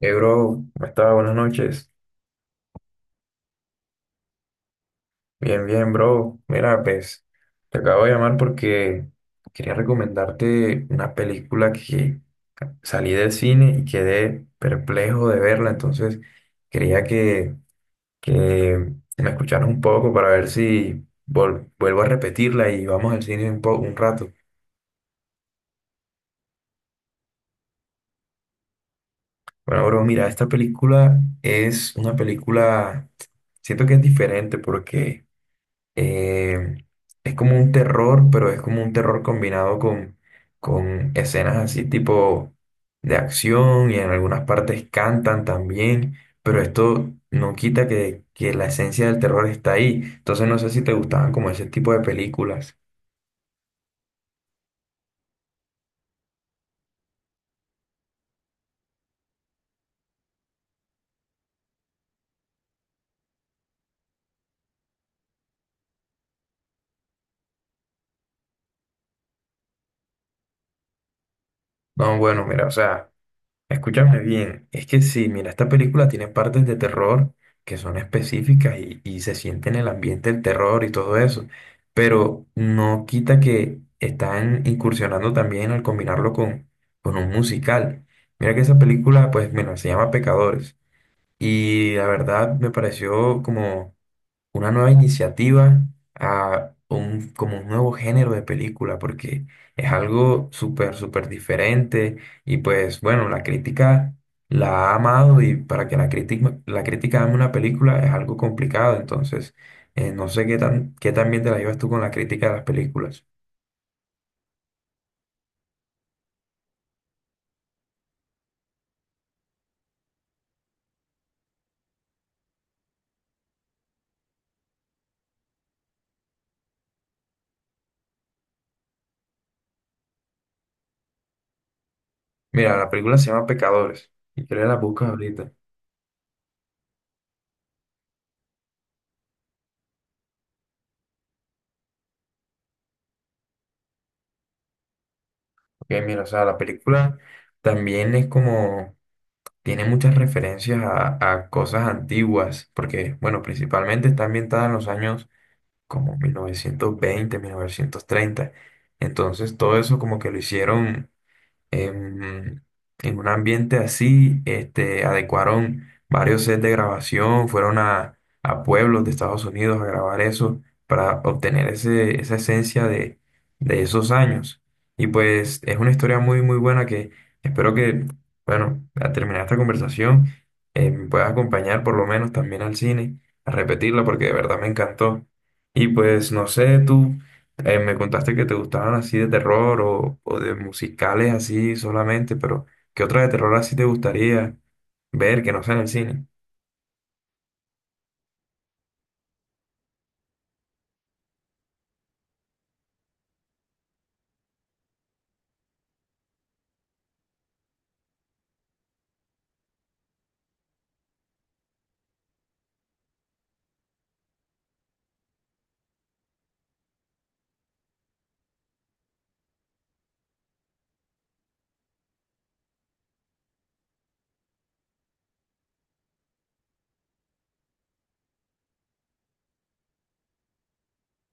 Hey, bro, ¿cómo estás? Buenas noches. Bien, bien, bro. Mira, pues te acabo de llamar porque quería recomendarte una película que salí del cine y quedé perplejo de verla. Entonces quería que me escucharas un poco para ver si vuelvo a repetirla y vamos al cine un rato. Bueno, bro, mira, esta película es una película, siento que es diferente porque... eh, es como un terror, pero es como un terror combinado con escenas así tipo de acción y en algunas partes cantan también, pero esto no quita que la esencia del terror está ahí. Entonces no sé si te gustaban como ese tipo de películas. No, bueno, mira, o sea. Escúchame bien, es que sí, mira, esta película tiene partes de terror que son específicas y se siente en el ambiente el terror y todo eso, pero no quita que están incursionando también al combinarlo con un musical. Mira que esa película, pues, mira, se llama Pecadores y la verdad me pareció como una nueva iniciativa a un, como un nuevo género de película, porque es algo súper, súper diferente y pues bueno, la crítica la ha amado y para que la crítica ame una película es algo complicado, entonces no sé qué tan bien te la llevas tú con la crítica de las películas. Mira, la película se llama Pecadores y creo que la buscas ahorita. Ok, mira, o sea, la película también es como tiene muchas referencias a cosas antiguas, porque, bueno, principalmente está ambientada en los años como 1920, 1930. Entonces, todo eso como que lo hicieron, em, en un ambiente así, este, adecuaron varios sets de grabación, fueron a pueblos de Estados Unidos a grabar eso para obtener esa esencia de esos años. Y pues es una historia muy, muy buena que espero que, bueno, al terminar esta conversación, me puedas acompañar por lo menos también al cine, a repetirla porque de verdad me encantó. Y pues no sé, tú. Me contaste que te gustaban así de terror o de musicales así solamente, pero ¿qué otra de terror así te gustaría ver que no sea en el cine?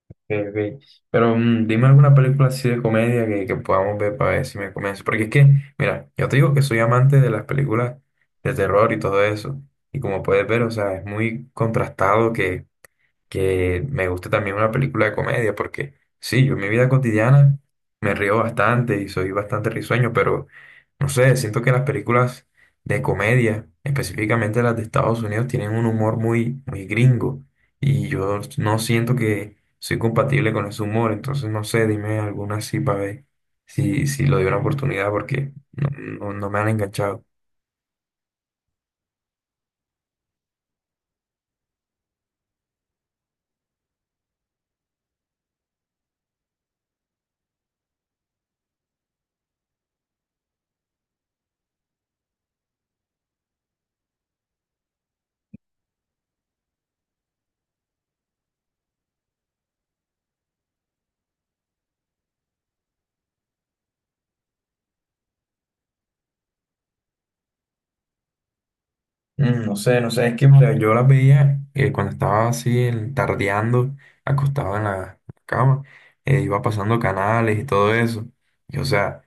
Ok, ok. Pero dime alguna película así de comedia que podamos ver para ver si me convence. Porque es que, mira, yo te digo que soy amante de las películas de terror y todo eso. Y como puedes ver, o sea, es muy contrastado que me guste también una película de comedia, porque sí, yo en mi vida cotidiana me río bastante y soy bastante risueño, pero no sé, siento que las películas de comedia, específicamente las de Estados Unidos, tienen un humor muy, muy gringo y yo no siento que soy compatible con ese humor, entonces no sé, dime alguna así para ver si lo doy una oportunidad porque no, no, no me han enganchado. No sé, es que mira, yo las veía cuando estaba así tardeando, acostado en la cama, iba pasando canales y todo eso. Y o sea,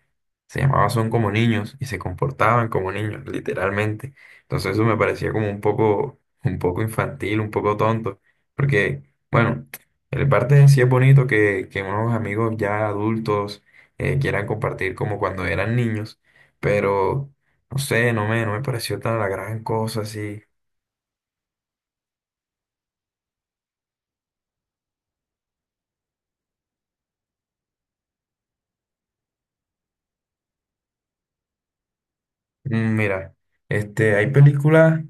se llamaban Son como niños y se comportaban como niños, literalmente. Entonces eso me parecía como un poco infantil, un poco tonto. Porque, bueno, en parte sí es bonito que unos amigos ya adultos quieran compartir como cuando eran niños, pero no sé, no me pareció tan la gran cosa así. Mira, hay películas,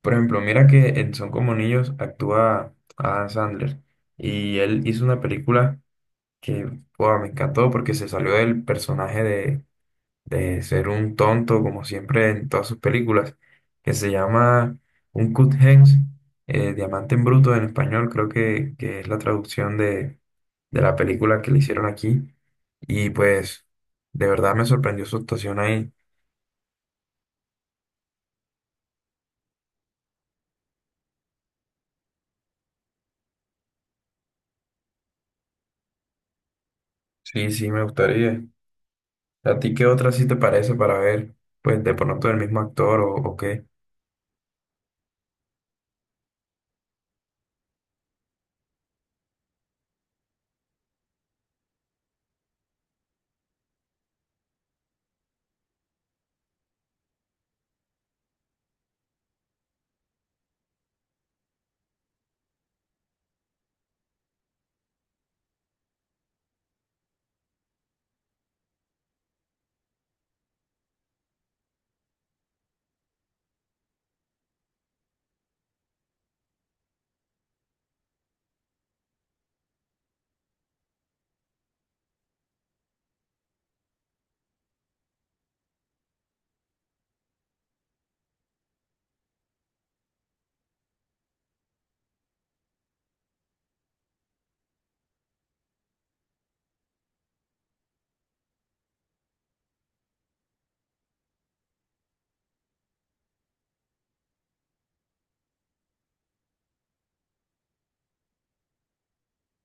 por ejemplo, mira que en Son como niños actúa Adam Sandler y él hizo una película que, wow, me encantó porque se salió del personaje de ser un tonto, como siempre en todas sus películas, que se llama Un cut hens, Diamante en Bruto en español, creo que es la traducción de la película que le hicieron aquí. Y pues, de verdad me sorprendió su actuación ahí. Sí, sí, me gustaría. ¿A ti qué otra sí te parece para ver, pues, de pronto el mismo actor o qué?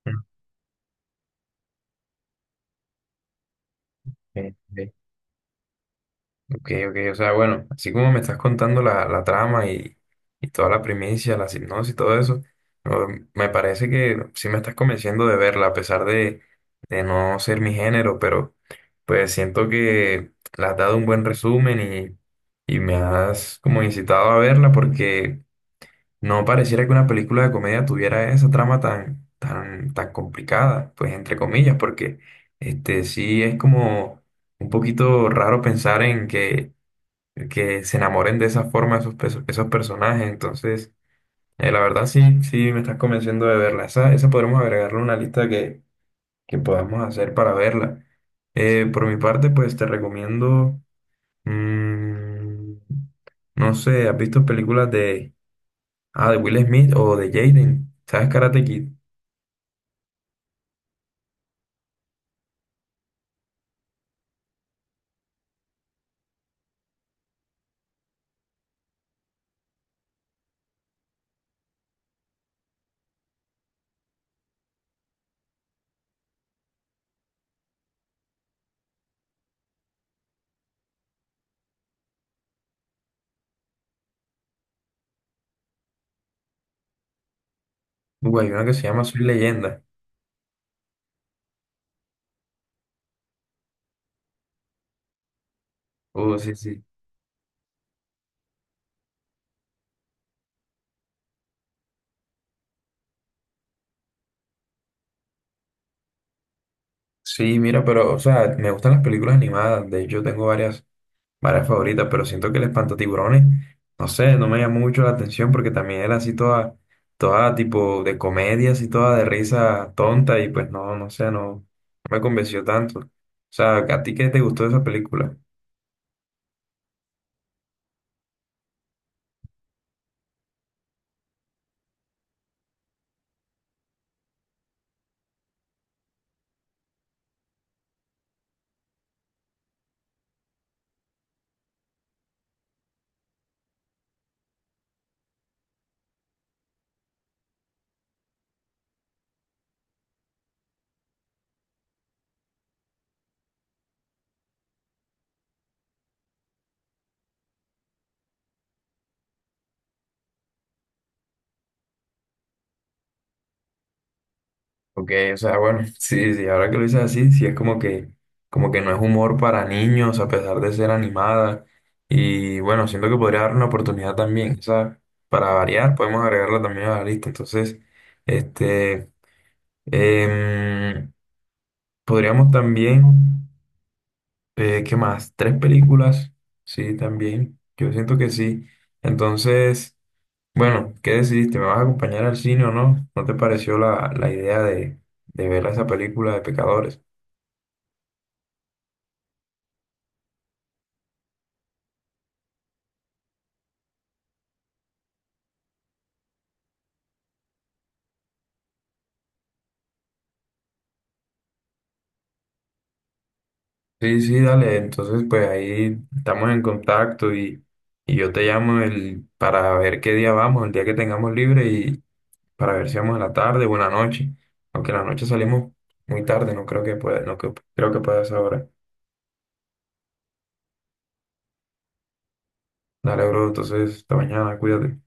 Mm, Ok, ok. Ok, ok, o sea, bueno, así como me estás contando la trama y toda la primicia, la sinopsis y todo eso, no, me parece que sí me estás convenciendo de verla, a pesar de no ser mi género, pero pues siento que la has dado un buen resumen y me has como incitado a verla porque no pareciera que una película de comedia tuviera esa trama tan, tan, tan complicada, pues entre comillas, porque este sí es como un poquito raro pensar en que se enamoren de esa forma esos personajes. Entonces, la verdad sí, sí me estás convenciendo de verla. Esa podremos agregarle una lista que podamos hacer para verla. Por mi parte, pues te recomiendo, mm, no sé, ¿has visto películas de Will Smith o de Jaden? ¿Sabes Karate Kid? Uy, hay una que se llama Soy Leyenda. Sí, sí. Sí, mira, pero, o sea, me gustan las películas animadas. De hecho, tengo varias favoritas, pero siento que el espantatiburones, no sé, no me llama mucho la atención porque también era así toda tipo de comedia, así toda de risa tonta y pues no, no sé, no me convenció tanto. O sea, ¿a ti qué te gustó de esa película? Ok, o sea, bueno, sí, sí, ahora que lo dices así, sí es como que no es humor para niños a pesar de ser animada y bueno, siento que podría dar una oportunidad también, o sea, para variar podemos agregarla también a la lista, entonces, este... Em, podríamos también, ¿qué más? ¿Tres películas? Sí, también. Yo siento que sí. Entonces, bueno, ¿qué decidiste? ¿Me vas a acompañar al cine o no? ¿No te pareció la idea de ver esa película de Pecadores? Sí, sí, dale. Entonces, pues ahí estamos en contacto y yo te llamo para ver qué día vamos, el día que tengamos libre y para ver si vamos en la tarde o en la noche. Aunque en la noche salimos muy tarde, no creo que pueda, no que- creo que pueda ser ahora. Dale, bro, entonces, hasta mañana, cuídate.